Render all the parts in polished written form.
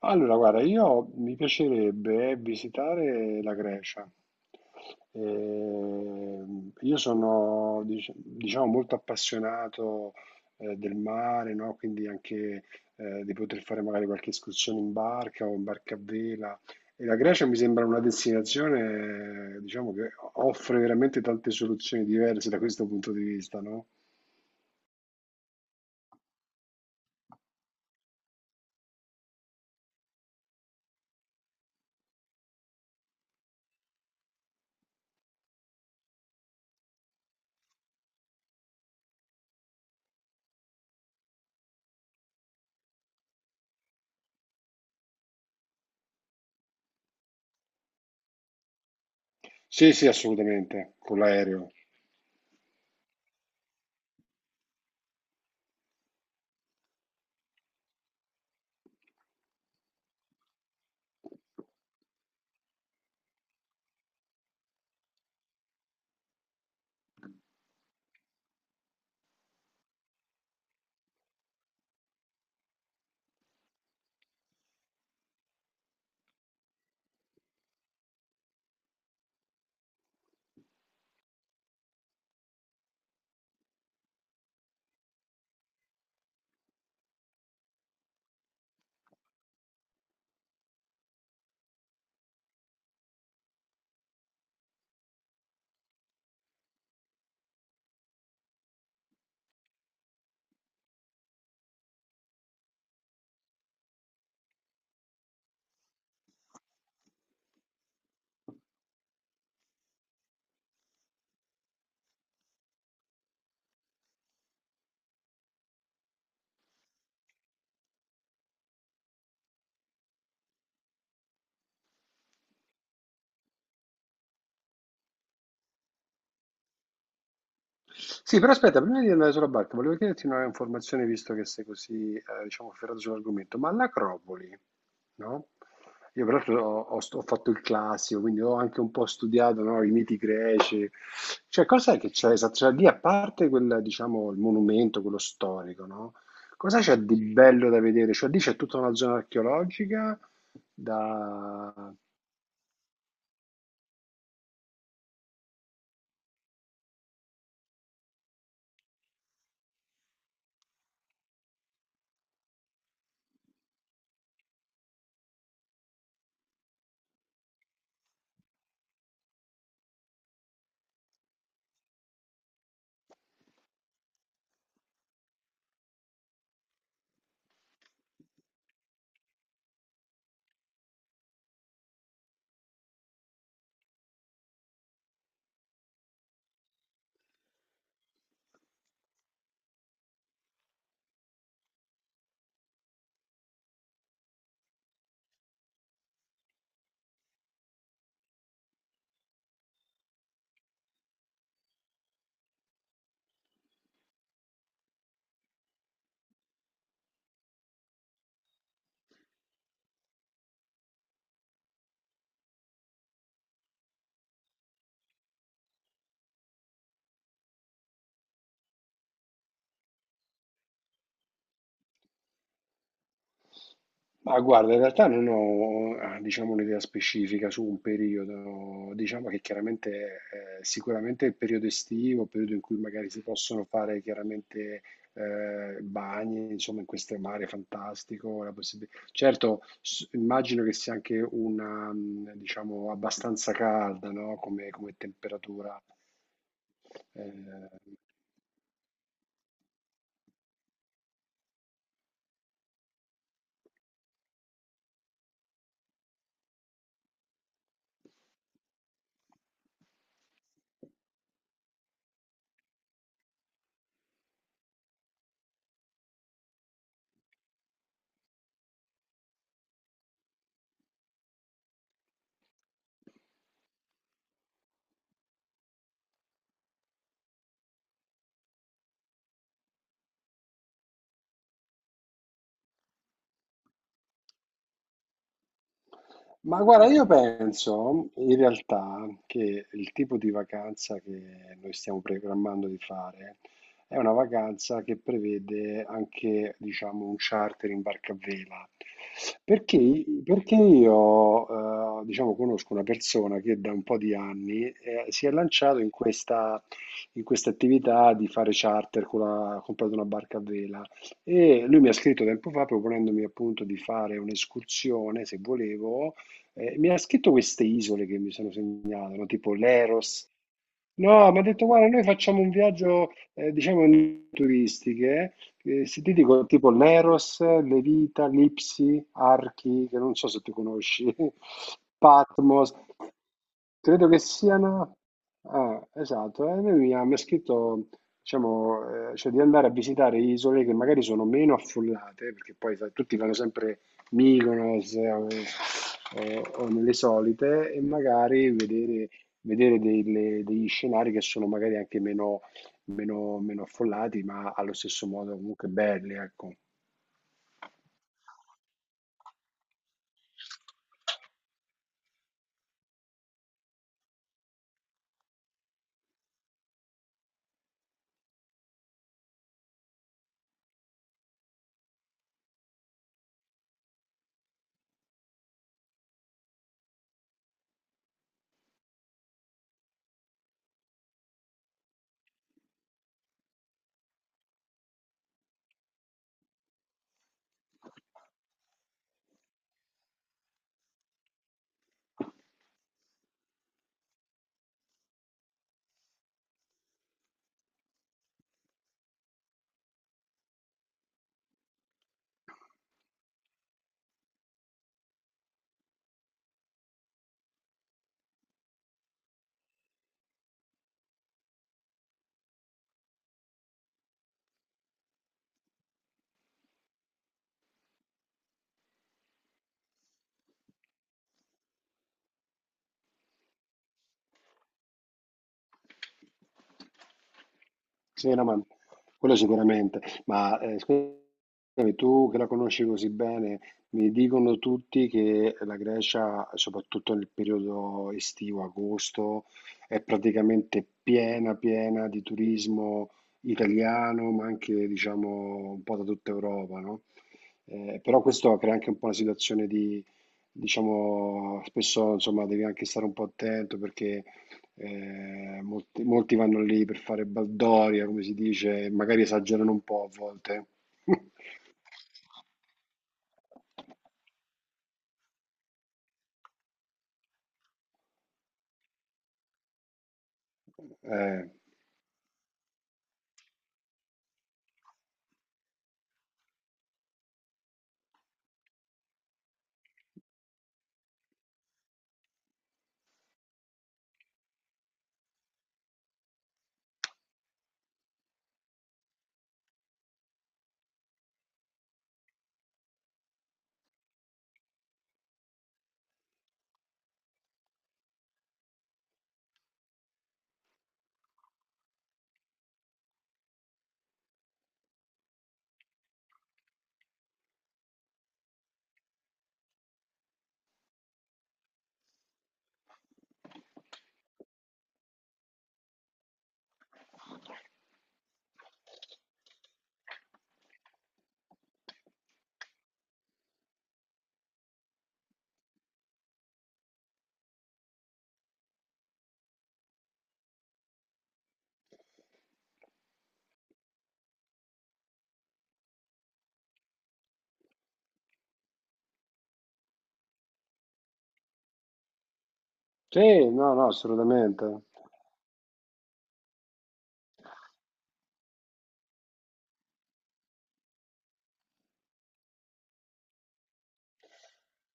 Allora, guarda, io mi piacerebbe visitare la Grecia. Io sono, diciamo, molto appassionato, del mare, no? Quindi anche, di poter fare magari qualche escursione in barca o in barca a vela. E la Grecia mi sembra una destinazione, diciamo, che offre veramente tante soluzioni diverse da questo punto di vista, no? Sì, sì, assolutamente, con l'aereo. Sì, però aspetta, prima di andare sulla barca, volevo chiederti una informazione, visto che sei così, diciamo, ferrato sull'argomento, ma l'Acropoli, no? Io peraltro ho, ho fatto il classico, quindi ho anche un po' studiato, no, i miti greci. Cioè, cos'è che c'è esatto? Cioè, lì, a parte quel, diciamo, il monumento, quello storico, no? Cosa c'è di bello da vedere? Cioè, lì c'è tutta una zona archeologica da... Ma guarda, in realtà non ho, ah, diciamo, un'idea specifica su un periodo, diciamo che chiaramente sicuramente il periodo estivo, il periodo in cui magari si possono fare chiaramente bagni, insomma in queste mare fantastico, la possib- Certo, s- immagino che sia anche una, diciamo, abbastanza calda, no? Come, come temperatura. eh, Ma guarda, io penso in realtà che il tipo di vacanza che noi stiamo programmando di fare è una vacanza che prevede anche, diciamo, un charter in barca a vela. Perché, perché io, diciamo, conosco una persona che da un po' di anni, si è lanciato in questa attività di fare charter con la, ha comprato una barca a vela. E lui mi ha scritto tempo fa proponendomi appunto di fare un'escursione, se volevo mi ha scritto queste isole che mi sono segnato, no? Tipo Leros. No, mi ha detto, guarda, noi facciamo un viaggio, diciamo, in turistiche, eh, se ti dico tipo Leros, Levita, Lipsi, Archi, che non so se tu conosci, Patmos, credo che siano... Ah, esatto, e lui mi ha scritto, diciamo, cioè di andare a visitare isole che magari sono meno affollate, perché poi sai, tutti vanno sempre Mykonos o nelle solite e magari vedere, degli scenari che sono magari anche meno, meno affollati, ma allo stesso modo comunque belli, ecco. Sì, no, ma quello sicuramente, ma scusami, tu che la conosci così bene, mi dicono tutti che la Grecia, soprattutto nel periodo estivo, agosto, è praticamente piena, piena di turismo italiano, ma anche, diciamo, un po' da tutta Europa, no? Però questo crea anche un po' una situazione diciamo, spesso insomma devi anche stare un po' attento perché molti vanno lì per fare baldoria, come si dice, e magari esagerano un po' a volte. Eh, sì, no, no, assolutamente.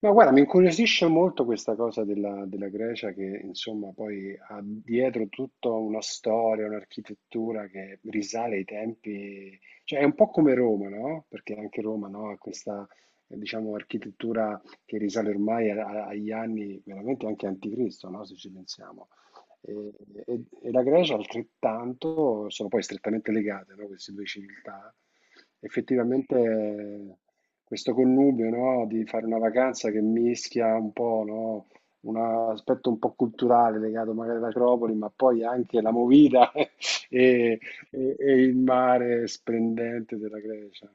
No, guarda, mi incuriosisce molto questa cosa della, della Grecia che insomma poi ha dietro tutta una storia, un'architettura che risale ai tempi, cioè è un po' come Roma, no? Perché anche Roma, no, ha questa, diciamo, architettura che risale ormai agli anni veramente anche anticristo, no? Se ci pensiamo. E, e la Grecia altrettanto, sono poi strettamente legate, no? Queste due civiltà. Effettivamente questo connubio, no, di fare una vacanza che mischia un po', no, un aspetto un po' culturale legato magari all'Acropoli, ma poi anche la movida e, e il mare splendente della Grecia.